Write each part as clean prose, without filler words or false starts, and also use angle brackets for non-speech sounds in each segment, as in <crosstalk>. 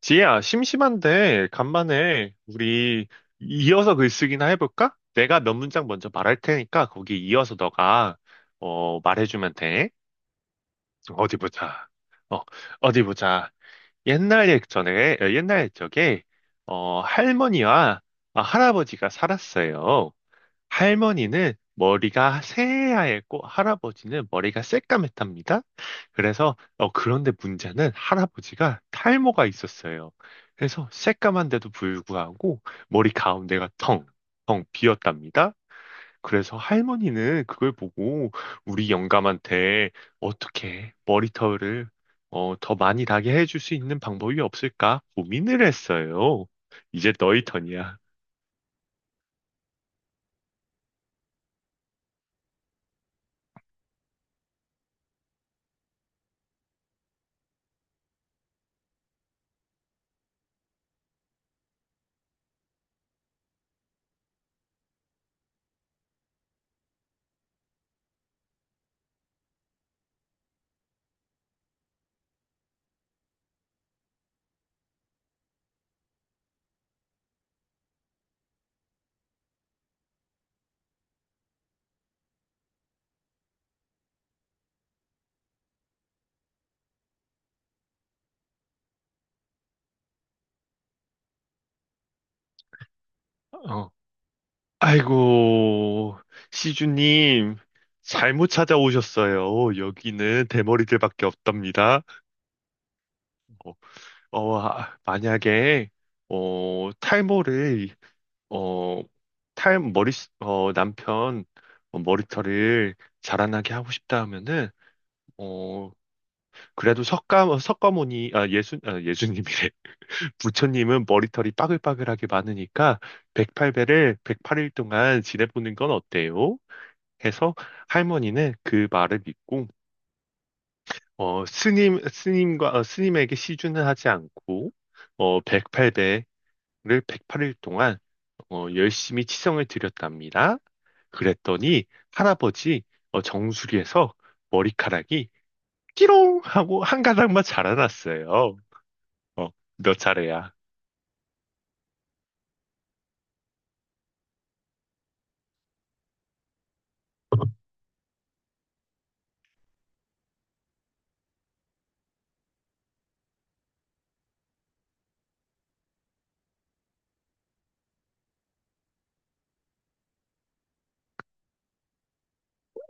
지혜야, 심심한데 간만에 우리 이어서 글쓰기나 해볼까? 내가 몇 문장 먼저 말할 테니까 거기 이어서 너가 말해주면 돼. 어디 보자. 어, 어디 보자. 옛날 옛적에 할머니와 할아버지가 살았어요. 할머니는 머리가 새하얗고 할아버지는 머리가 새까맸답니다. 그런데 문제는 할아버지가 탈모가 있었어요. 그래서 새까만데도 불구하고 머리 가운데가 텅텅 비었답니다. 그래서 할머니는 그걸 보고 우리 영감한테 어떻게 머리털을 더 많이 나게 해줄 수 있는 방법이 없을까 고민을 했어요. 이제 너희 턴이야. 어. 아이고, 시주님, 잘못 찾아오셨어요. 여기는 대머리들밖에 없답니다. 어, 만약에, 어, 탈모를, 어, 탈, 머리, 어, 남편 머리털을 자라나게 하고 싶다 하면은, 어, 그래도 석가모니, 예수님이래. <laughs> 부처님은 머리털이 빠글빠글하게 많으니까, 108배를 108일 동안 지내보는 건 어때요? 해서 할머니는 그 말을 믿고 스님에게 시주는 하지 않고 108배를 108일 동안 열심히 치성을 드렸답니다. 그랬더니 할아버지 정수리에서 머리카락이 끼롱 하고 한 가닥만 자라났어요. 어, 몇 차례야.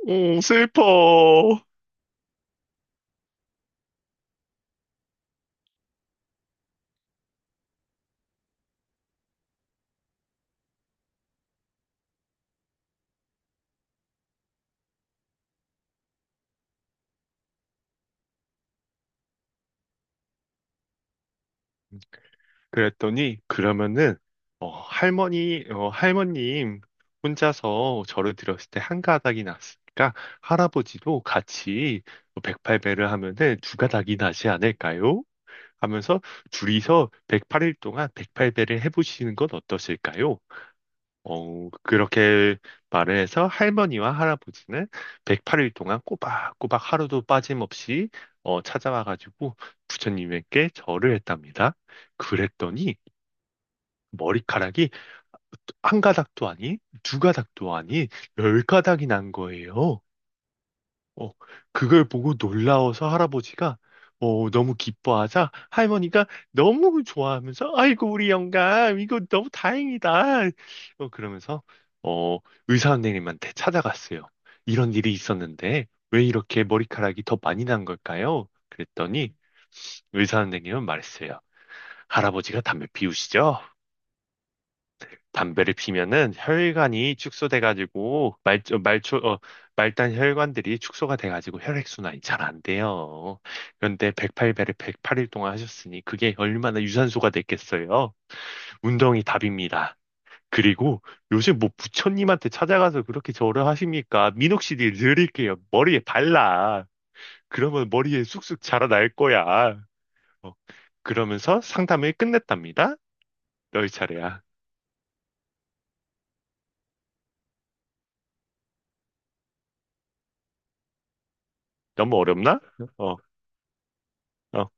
오, 슬퍼. 그랬더니 그러면은 할머님 혼자서 절을 드렸을 때 한 가닥이 났으니까 할아버지도 같이 108배를 하면은 두 가닥이 나지 않을까요? 하면서 둘이서 108일 동안 108배를 해보시는 건 어떠실까요? 그렇게 말을 해서 할머니와 할아버지는 108일 동안 꼬박꼬박 하루도 빠짐없이 찾아와가지고 부처님에게 절을 했답니다. 그랬더니 머리카락이 한 가닥도 아니, 두 가닥도 아니, 열 가닥이 난 거예요. 어, 그걸 보고 놀라워서 할아버지가 너무 기뻐하자 할머니가 너무 좋아하면서 아이고, 우리 영감, 이거 너무 다행이다. 그러면서 어, 의사 선생님한테 찾아갔어요. 이런 일이 있었는데 왜 이렇게 머리카락이 더 많이 난 걸까요? 그랬더니 의사 선생님은 말했어요. 할아버지가 담배 피우시죠? 담배를 피면은 혈관이 축소돼가지고 말, 어, 말초, 어, 말단 혈관들이 축소가 돼가지고 혈액순환이 잘 안 돼요. 그런데 108배를 108일 동안 하셨으니 그게 얼마나 유산소가 됐겠어요? 운동이 답입니다. 그리고 요즘 뭐 부처님한테 찾아가서 그렇게 절을 하십니까? 민옥씨를 드릴게요. 머리에 발라. 그러면 머리에 쑥쑥 자라날 거야. 어, 그러면서 상담을 끝냈답니다. 열 차례야. 너무 어렵나? 어, 어.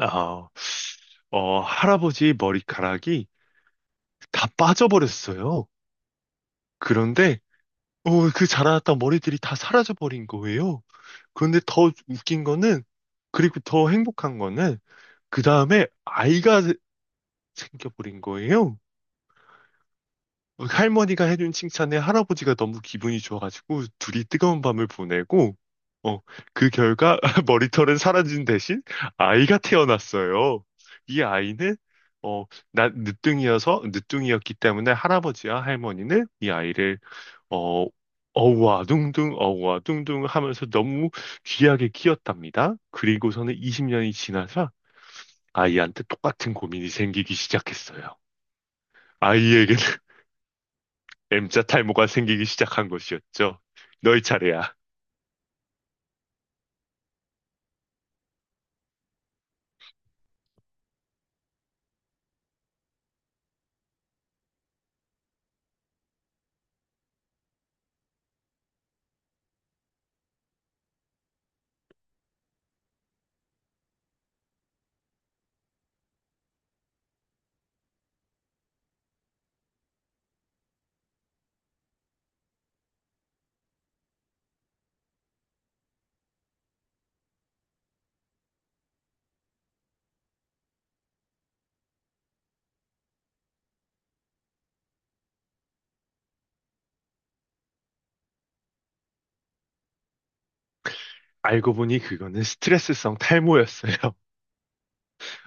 어. 할아버지의 머리카락이 다 빠져버렸어요. 그런데, 그 자라났던 머리들이 다 사라져버린 거예요. 그런데 더 웃긴 거는, 그리고 더 행복한 거는, 그 다음에 아이가 생겨버린 거예요. 할머니가 해준 칭찬에 할아버지가 너무 기분이 좋아가지고 둘이 뜨거운 밤을 보내고, 어, 그 결과 <laughs> 머리털은 사라진 대신 아이가 태어났어요. 이 아이는, 어, 늦둥이었기 때문에 할아버지와 할머니는 이 아이를, 어, 어우와 둥둥 어우와 둥둥 하면서 너무 귀하게 키웠답니다. 그리고서는 20년이 지나서 아이한테 똑같은 고민이 생기기 시작했어요. 아이에게 M자 탈모가 생기기 시작한 것이었죠. 너희 차례야. 알고 보니 그거는 스트레스성 탈모였어요.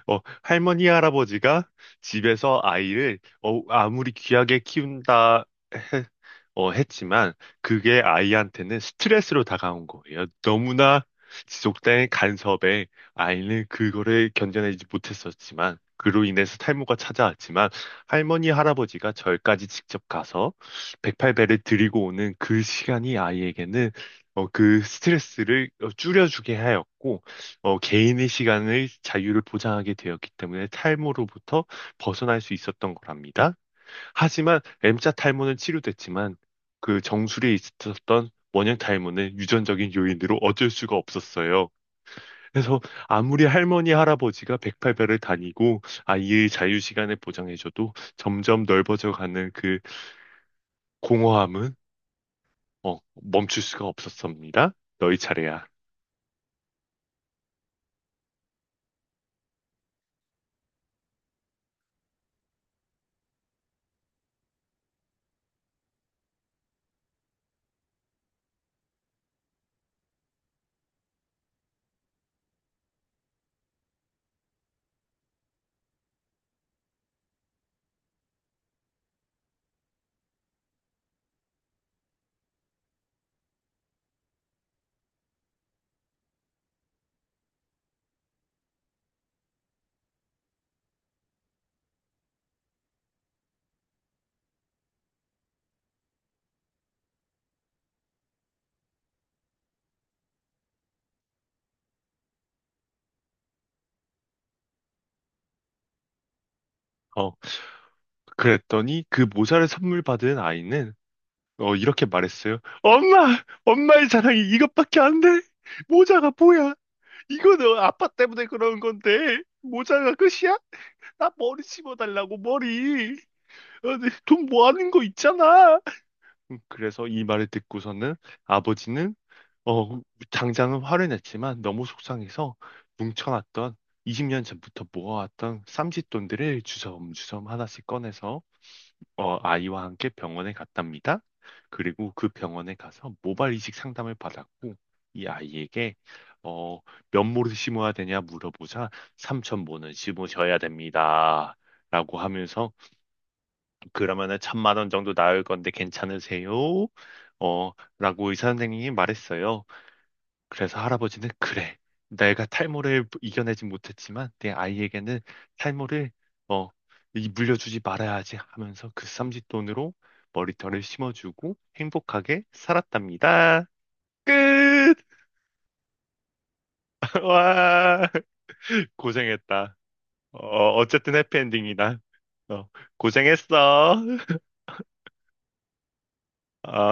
할머니, 할아버지가 집에서 아이를 아무리 귀하게 키운다 해- 했지만 그게 아이한테는 스트레스로 다가온 거예요. 너무나 지속된 간섭에 아이는 그거를 견뎌내지 못했었지만 그로 인해서 탈모가 찾아왔지만 할머니, 할아버지가 절까지 직접 가서 108배를 드리고 오는 그 시간이 아이에게는 그 스트레스를 줄여주게 하였고 개인의 시간의 자유를 보장하게 되었기 때문에 탈모로부터 벗어날 수 있었던 거랍니다. 하지만 M자 탈모는 치료됐지만 그 정수리에 있었던 원형 탈모는 유전적인 요인으로 어쩔 수가 없었어요. 그래서 아무리 할머니, 할아버지가 108배를 다니고 아이의 자유 시간을 보장해줘도 점점 넓어져가는 그 공허함은 멈출 수가 없었습니다. 너희 차례야. 어, 그랬더니 그 모자를 선물 받은 아이는 이렇게 말했어요. 엄마! 엄마의 자랑이 이것밖에 안 돼! 모자가 뭐야? 이거는 아빠 때문에 그런 건데, 모자가 끝이야? 나 머리 심어달라고, 머리! 네, 돈 모아는 거 있잖아! 그래서 이 말을 듣고서는 아버지는, 어, 당장은 화를 냈지만 너무 속상해서 뭉쳐놨던 20년 전부터 모아왔던 쌈짓돈들을 주섬주섬 하나씩 꺼내서 아이와 함께 병원에 갔답니다. 그리고 그 병원에 가서 모발 이식 상담을 받았고 이 아이에게 어, 몇 모를 심어야 되냐 물어보자 3천 모는 심으셔야 됩니다, 라고 하면서 그러면은 천만 원 정도 나올 건데 괜찮으세요? 어, 라고 의사 선생님이 말했어요. 그래서 할아버지는 그래, 내가 탈모를 이겨내지 못했지만 내 아이에게는 탈모를 어, 물려주지 말아야지 하면서 그 쌈짓돈으로 머리털을 심어주고 행복하게 살았답니다. 끝! <laughs> 와, 고생했다. 어쨌든 해피엔딩이다. 어, 고생했어. 어.